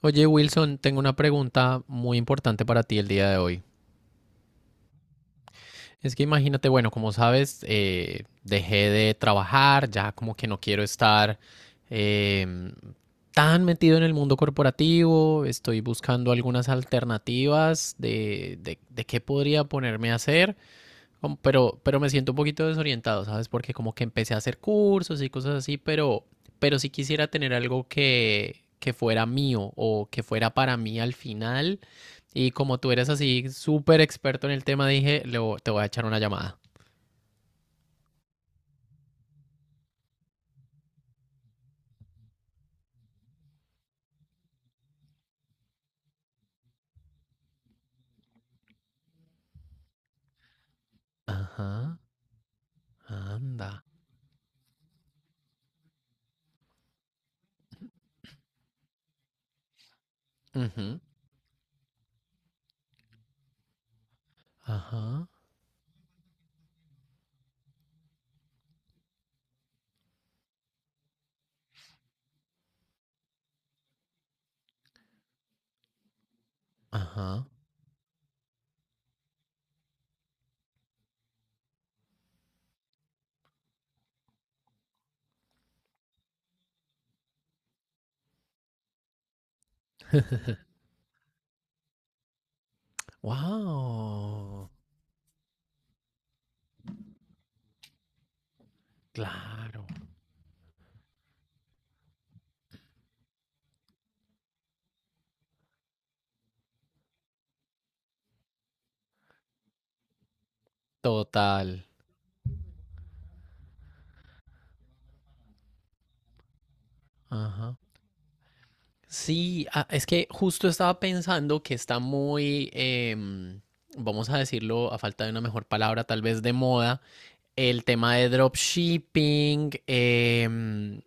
Oye, Wilson, tengo una pregunta muy importante para ti el día de hoy. Es que imagínate, bueno, como sabes, dejé de trabajar, ya como que no quiero estar eh, tan metido en el mundo corporativo. Estoy buscando algunas alternativas de qué podría ponerme a hacer. Pero me siento un poquito desorientado, ¿sabes? Porque como que empecé a hacer cursos y cosas así, pero sí quisiera tener algo que fuera mío o que fuera para mí al final. Y como tú eres así súper experto en el tema, dije, te voy a echar una llamada. Ajá, anda. Ujú, ajá, ajá. Wow, claro. Total. Ajá. Sí, es que justo estaba pensando que está muy, vamos a decirlo a falta de una mejor palabra, tal vez de moda, el tema de dropshipping,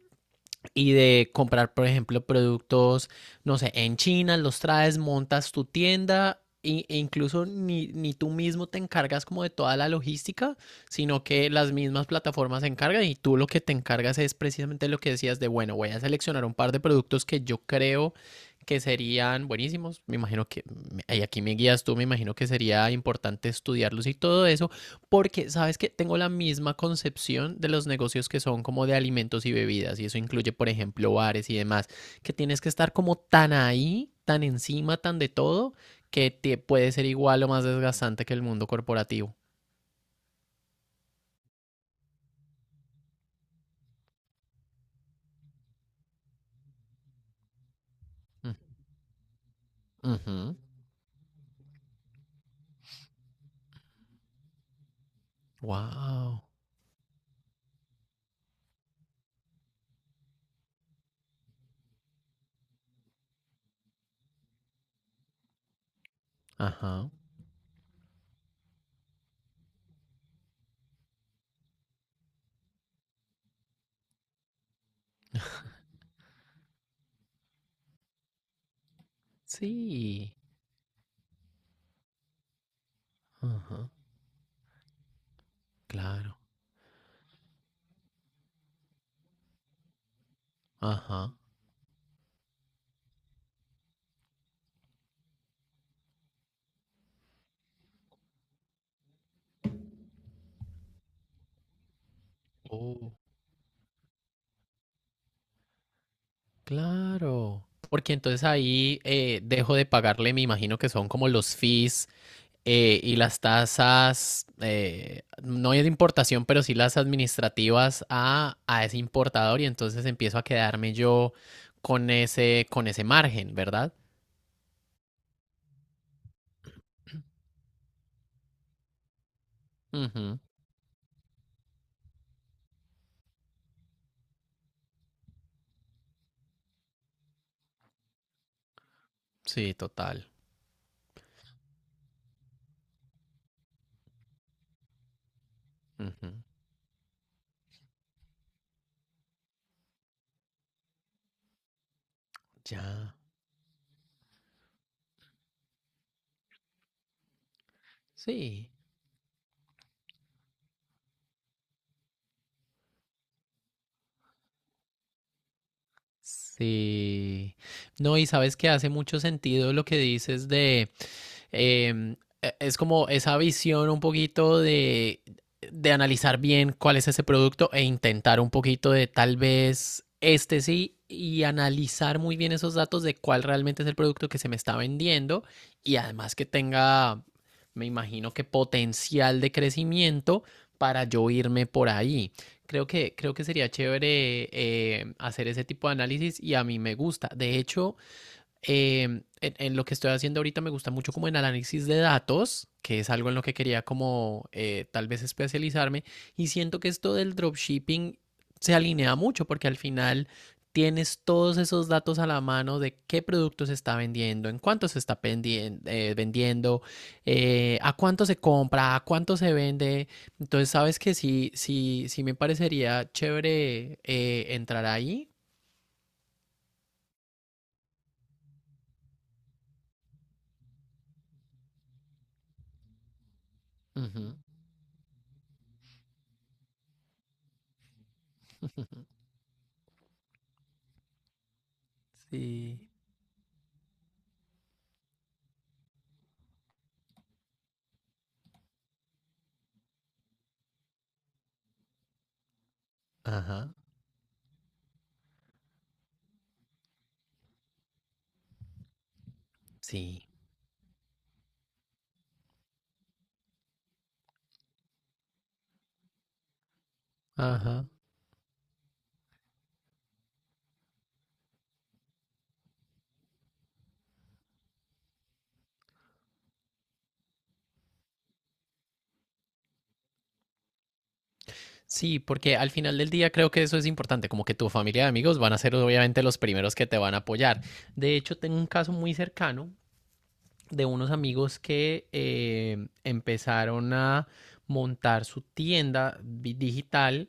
y de comprar, por ejemplo, productos, no sé, en China, los traes, montas tu tienda e incluso ni tú mismo te encargas como de toda la logística, sino que las mismas plataformas se encargan y tú lo que te encargas es precisamente lo que decías de, bueno, voy a seleccionar un par de productos que yo creo que serían buenísimos. Me imagino que, y aquí me guías tú, me imagino que sería importante estudiarlos y todo eso. Porque, ¿sabes? Que tengo la misma concepción de los negocios que son como de alimentos y bebidas, y eso incluye, por ejemplo, bares y demás, que tienes que estar como tan ahí, tan encima, tan de todo, que te puede ser igual o más desgastante que el mundo corporativo. Mm, ujú. Wow. Ajá. Sí. Ajá. Claro. Ajá. Oh. Claro. Porque entonces ahí, dejo de pagarle, me imagino que son como los fees y las tasas, no es de importación, pero sí las administrativas a ese importador, y entonces empiezo a quedarme yo con ese margen, ¿verdad? Ujú, sí, total. Ujú, ya. Sí. Sí. No, y sabes que hace mucho sentido lo que dices de eh, es como esa visión un poquito de analizar bien cuál es ese producto e intentar un poquito de tal vez este sí y analizar muy bien esos datos de cuál realmente es el producto que se me está vendiendo y además que tenga, me imagino que potencial de crecimiento para yo irme por ahí. Creo que sería chévere, hacer ese tipo de análisis y a mí me gusta. De hecho, eh, en lo que estoy haciendo ahorita me gusta mucho como el análisis de datos, que es algo en lo que quería como, tal vez especializarme, y siento que esto del dropshipping se alinea mucho porque al final tienes todos esos datos a la mano de qué producto se está vendiendo, en cuánto se está vendiendo, a cuánto se compra, a cuánto se vende. Entonces, sabes que sí me parecería chévere, entrar ahí. Ujú. Sí. Ajá. Sí, ajá. Sí, porque al final del día creo que eso es importante, como que tu familia de amigos van a ser obviamente los primeros que te van a apoyar. De hecho, tengo un caso muy cercano de unos amigos que empezaron a montar su tienda digital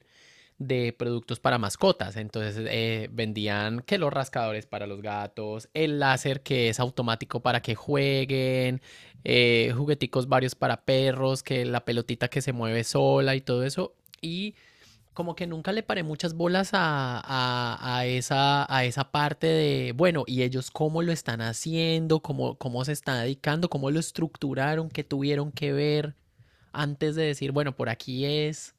de productos para mascotas. Entonces, vendían que los rascadores para los gatos, el láser que es automático para que jueguen, jugueticos varios para perros, que la pelotita que se mueve sola y todo eso. Y como que nunca le paré muchas bolas a esa parte de, bueno, y ellos cómo lo están haciendo, cómo, cómo se están dedicando, cómo lo estructuraron, qué tuvieron que ver antes de decir, bueno, por aquí es.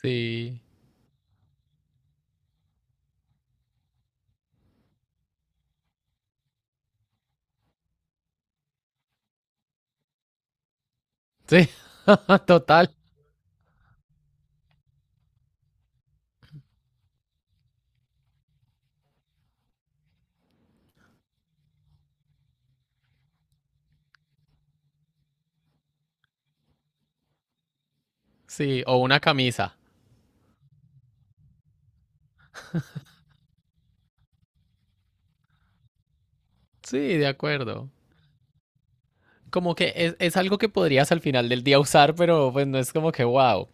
Sí. Sí, total. Sí, o una camisa. Sí, de acuerdo. Como que es algo que podrías al final del día usar, pero pues no es como que wow.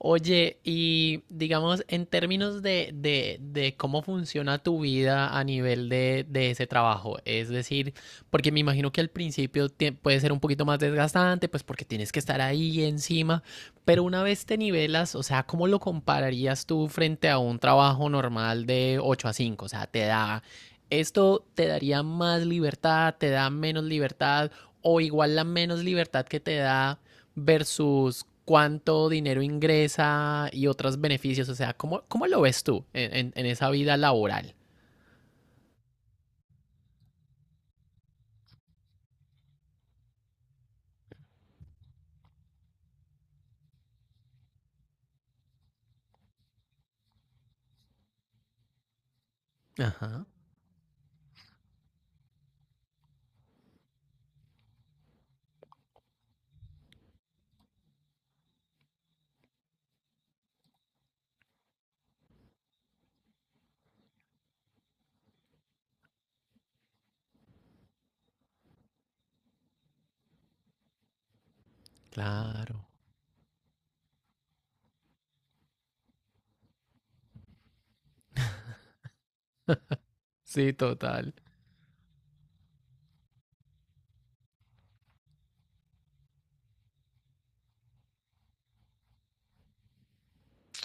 Oye, y digamos, en términos de cómo funciona tu vida a nivel de ese trabajo, es decir, porque me imagino que al principio puede ser un poquito más desgastante, pues porque tienes que estar ahí encima, pero una vez te nivelas, o sea, ¿cómo lo compararías tú frente a un trabajo normal de 8 a cinco? O sea, te da, esto te daría más libertad, te da menos libertad o igual la menos libertad que te da versus cuánto dinero ingresa y otros beneficios. O sea, ¿cómo, cómo lo ves tú en esa vida laboral? Ajá, claro. Sí, total.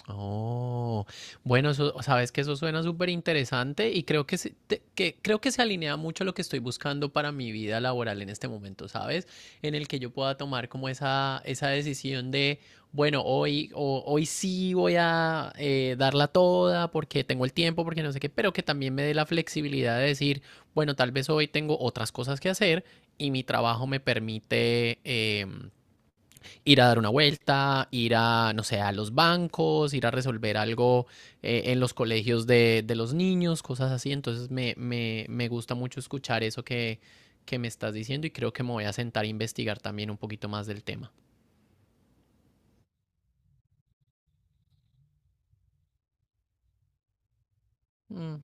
Oh, bueno, eso, sabes que eso suena súper interesante y creo que, que creo que se alinea mucho a lo que estoy buscando para mi vida laboral en este momento, ¿sabes? En el que yo pueda tomar como esa decisión de, bueno, hoy sí voy a, darla toda porque tengo el tiempo, porque no sé qué, pero que también me dé la flexibilidad de decir, bueno, tal vez hoy tengo otras cosas que hacer y mi trabajo me permite... em, ir a dar una vuelta, ir a, no sé, a los bancos, ir a resolver algo, en los colegios los niños, cosas así. Entonces me gusta mucho escuchar eso que me estás diciendo, y creo que me voy a sentar a investigar también un poquito más del tema. Mm,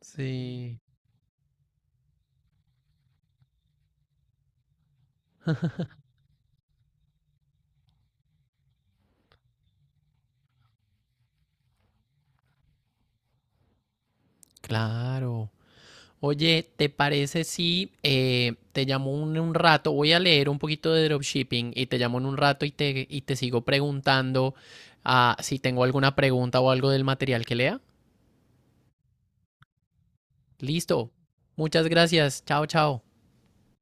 sí, claro. Oye, ¿te parece si, te llamo rato? Voy a leer un poquito de dropshipping y te llamo en un rato y te sigo preguntando, si tengo alguna pregunta o algo del material que lea. Listo. Muchas gracias. Chao, chao.